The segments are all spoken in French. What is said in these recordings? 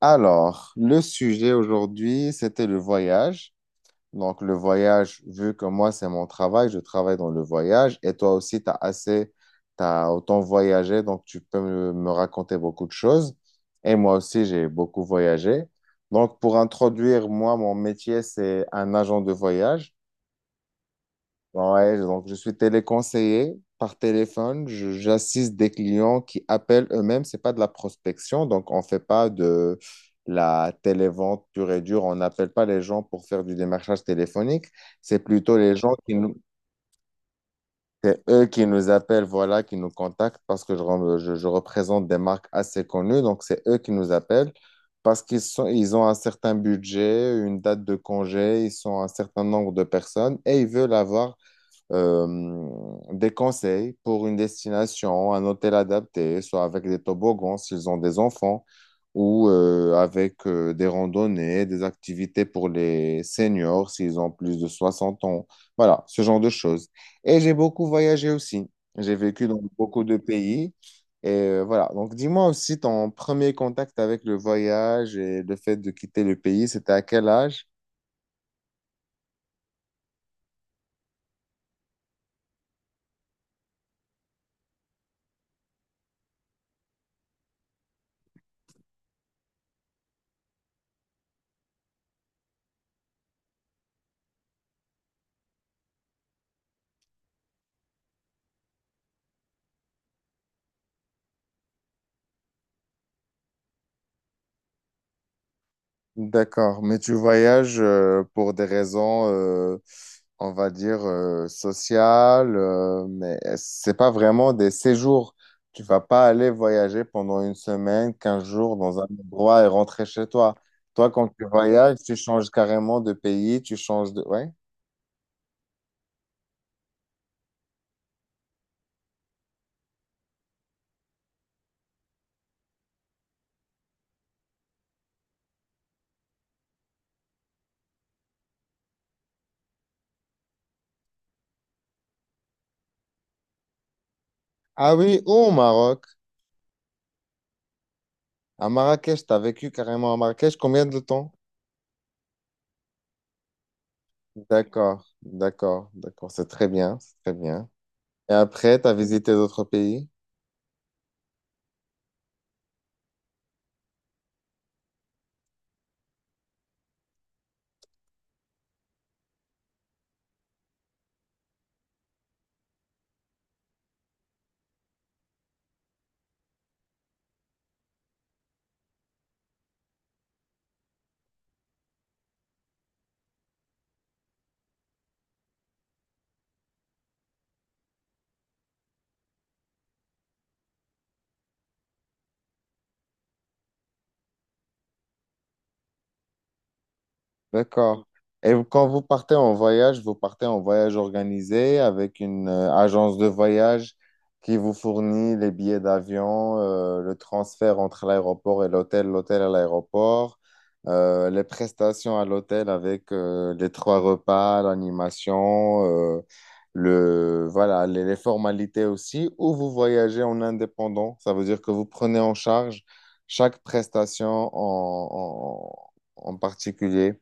Alors, le sujet aujourd'hui, c'était le voyage. Donc, le voyage, vu que moi, c'est mon travail, je travaille dans le voyage et toi aussi, tu as autant voyagé, donc tu peux me raconter beaucoup de choses. Et moi aussi, j'ai beaucoup voyagé. Donc, pour introduire, moi, mon métier, c'est un agent de voyage. Ouais, donc je suis téléconseiller par téléphone. J'assiste des clients qui appellent eux-mêmes. C'est pas de la prospection, donc on fait pas de la télévente pure et dure. On n'appelle pas les gens pour faire du démarchage téléphonique. C'est plutôt les gens qui nous, c'est eux qui nous appellent, voilà, qui nous contactent parce que je représente des marques assez connues. Donc c'est eux qui nous appellent parce qu'ils ont un certain budget, une date de congé, ils sont un certain nombre de personnes et ils veulent avoir euh, des conseils pour une destination, un hôtel adapté, soit avec des toboggans s'ils ont des enfants, ou avec des randonnées, des activités pour les seniors s'ils ont plus de 60 ans. Voilà, ce genre de choses. Et j'ai beaucoup voyagé aussi. J'ai vécu dans beaucoup de pays. Et voilà, donc dis-moi aussi ton premier contact avec le voyage et le fait de quitter le pays, c'était à quel âge? D'accord, mais tu voyages pour des raisons, on va dire, sociales, mais c'est pas vraiment des séjours. Tu vas pas aller voyager pendant une semaine, 15 jours dans un endroit et rentrer chez toi. Toi, quand tu voyages, tu changes carrément de pays, tu changes de. Ouais. Ah oui, ou au Maroc, à Marrakech, tu as vécu carrément à Marrakech combien de temps? D'accord, d'accord, d'accord, c'est très bien, c'est très bien. Et après, tu as visité d'autres pays? D'accord. Et quand vous partez en voyage, vous partez en voyage organisé avec une agence de voyage qui vous fournit les billets d'avion, le transfert entre l'aéroport et l'hôtel, l'hôtel à l'aéroport, les prestations à l'hôtel avec les trois repas, l'animation, euh, voilà, les formalités aussi, ou vous voyagez en indépendant. Ça veut dire que vous prenez en charge chaque prestation en en particulier.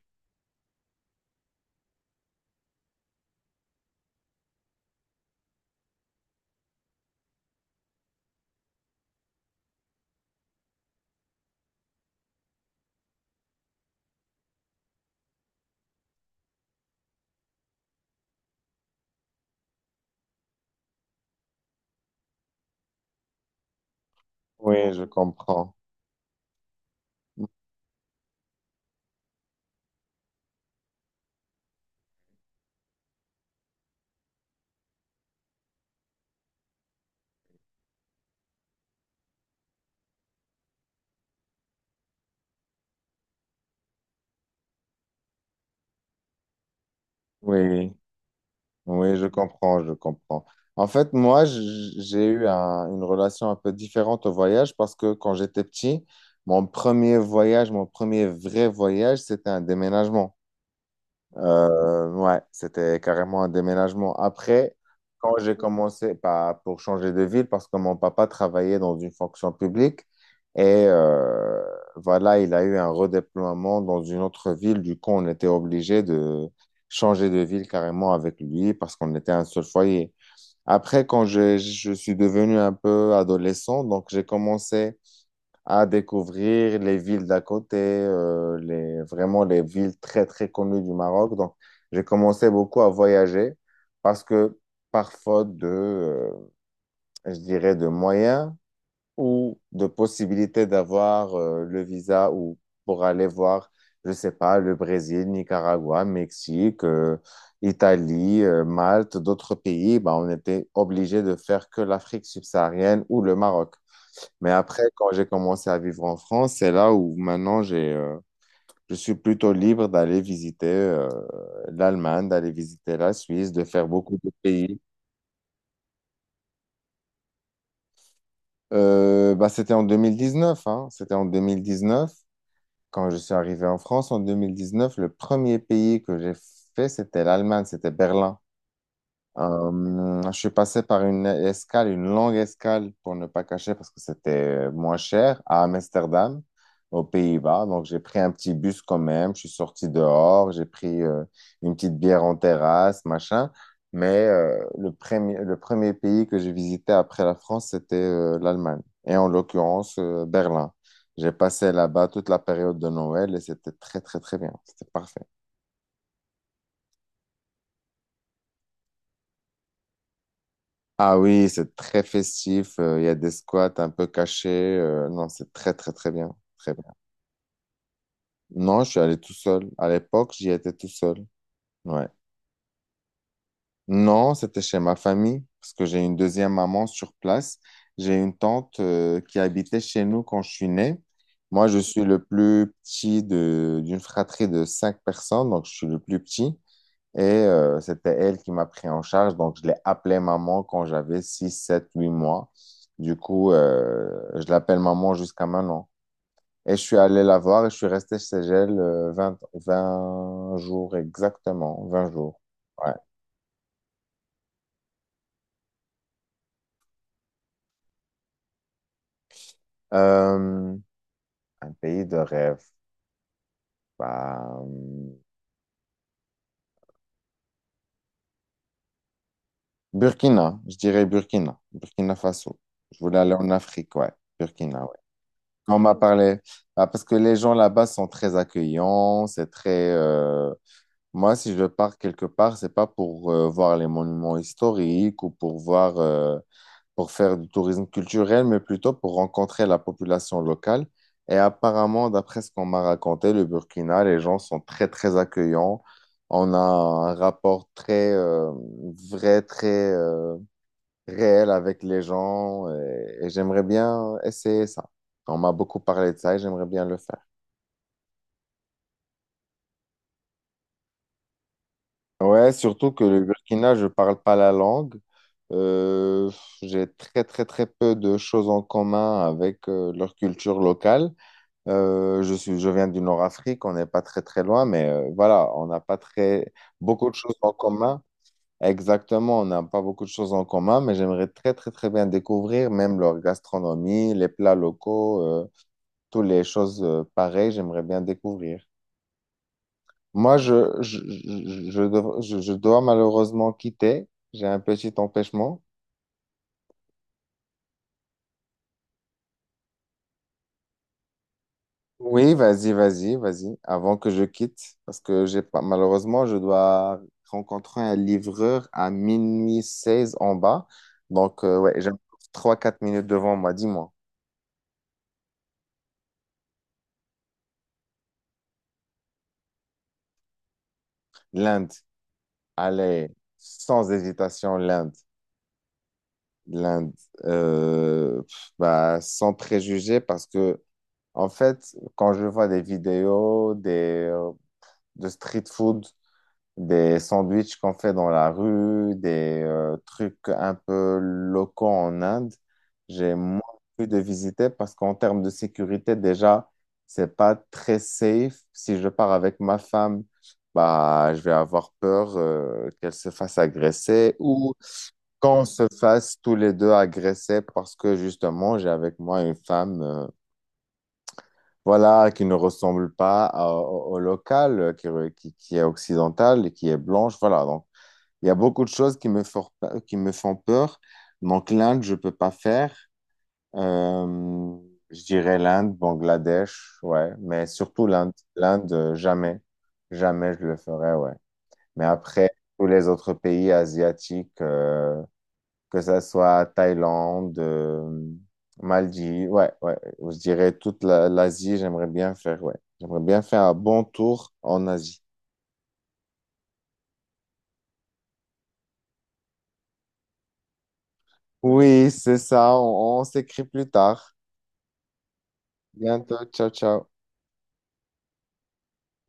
Oui, je comprends. Oui, oui, je comprends, je comprends. En fait, moi, j'ai eu une relation un peu différente au voyage parce que quand j'étais petit, mon premier voyage, mon premier vrai voyage, c'était un déménagement. Ouais, c'était carrément un déménagement. Après, quand j'ai commencé pas pour changer de ville, parce que mon papa travaillait dans une fonction publique, et voilà, il a eu un redéploiement dans une autre ville. Du coup, on était obligé de changer de ville carrément avec lui parce qu'on était un seul foyer. Après, quand je suis devenu un peu adolescent, donc j'ai commencé à découvrir les villes d'à côté, vraiment les villes très, très connues du Maroc. Donc, j'ai commencé beaucoup à voyager parce que par faute de, je dirais, de moyens ou de possibilité d'avoir le visa ou pour aller voir, je sais pas, le Brésil, Nicaragua, Mexique, Italie, Malte, d'autres pays, bah, on était obligé de faire que l'Afrique subsaharienne ou le Maroc. Mais après, quand j'ai commencé à vivre en France, c'est là où maintenant je suis plutôt libre d'aller visiter l'Allemagne, d'aller visiter la Suisse, de faire beaucoup de pays. Bah, c'était en 2019, hein. C'était en 2019. Quand je suis arrivé en France en 2019, le premier pays que j'ai fait, c'était l'Allemagne, c'était Berlin. Je suis passé par une escale, une longue escale pour ne pas cacher parce que c'était moins cher à Amsterdam, aux Pays-Bas. Donc j'ai pris un petit bus quand même. Je suis sorti dehors, j'ai pris une petite bière en terrasse, machin. Mais le premier, pays que j'ai visité après la France, c'était l'Allemagne et en l'occurrence Berlin. J'ai passé là-bas toute la période de Noël et c'était très très très bien. C'était parfait. Ah oui, c'est très festif. Il y a des squats un peu cachés. Non, c'est très, très, très bien. Très bien. Non, je suis allé tout seul. À l'époque, j'y étais tout seul. Ouais. Non, c'était chez ma famille parce que j'ai une deuxième maman sur place. J'ai une tante qui habitait chez nous quand je suis né. Moi, je suis le plus petit de d'une fratrie de cinq personnes, donc je suis le plus petit. Et c'était elle qui m'a pris en charge. Donc, je l'ai appelée maman quand j'avais 6 7 8 mois. Du coup, je l'appelle maman jusqu'à maintenant. Et je suis allé la voir et je suis resté chez elle vingt 20 jours exactement. 20 jours. Ouais. Euh, un pays de rêve. Bah, Burkina, je dirais Burkina. Burkina Faso. Je voulais aller en Afrique, ouais. Burkina, ouais. Quand on m'a parlé, bah, parce que les gens là-bas sont très accueillants, c'est très. Moi, si je pars quelque part, c'est pas pour voir les monuments historiques ou pour voir, pour faire du tourisme culturel, mais plutôt pour rencontrer la population locale. Et apparemment, d'après ce qu'on m'a raconté, le Burkina, les gens sont très, très accueillants. On a un rapport très vrai, très réel avec les gens et j'aimerais bien essayer ça. On m'a beaucoup parlé de ça et j'aimerais bien le faire. Ouais, surtout que le Burkina, je parle pas la langue. Euh, j'ai très, très, très peu de choses en commun avec leur culture locale. Je viens du Nord-Afrique, on n'est pas très, très loin, mais voilà, on n'a pas beaucoup de choses en commun. Exactement, on n'a pas beaucoup de choses en commun, mais j'aimerais très, très, très bien découvrir même leur gastronomie, les plats locaux, toutes les choses pareilles, j'aimerais bien découvrir. Moi, je dois malheureusement quitter. J'ai un petit empêchement. Oui, vas-y, vas-y, vas-y, avant que je quitte, parce que j'ai pas, malheureusement, je dois rencontrer un livreur à 0 h 16 en bas. Donc, ouais, j'ai trois quatre minutes devant moi, dis-moi. L'Inde, allez, sans hésitation, l'Inde, l'Inde, pff, bah, sans préjugés, parce que, en fait, quand je vois des vidéos, des euh, de street food, des sandwichs qu'on fait dans la rue, des trucs un peu locaux en Inde, j'ai moins envie de visiter parce qu'en termes de sécurité, déjà, c'est pas très safe. Si je pars avec ma femme, bah, je vais avoir peur qu'elle se fasse agresser ou qu'on se fasse tous les deux agresser parce que justement, j'ai avec moi une femme. Voilà, qui ne ressemble pas au local, qui est occidental et qui est blanche. Voilà, donc il y a beaucoup de choses qui me font peur. Donc l'Inde, je peux pas faire. Euh, je dirais l'Inde, Bangladesh, ouais, mais surtout l'Inde. L'Inde, jamais. Jamais je le ferai, ouais. Mais après, tous les autres pays asiatiques, que ça soit Thaïlande, Maldives, ouais, ouais, je dirais toute l'Asie, j'aimerais bien faire, ouais, j'aimerais bien faire un bon tour en Asie. Oui, c'est ça, on s'écrit plus tard. Bientôt, ciao, ciao.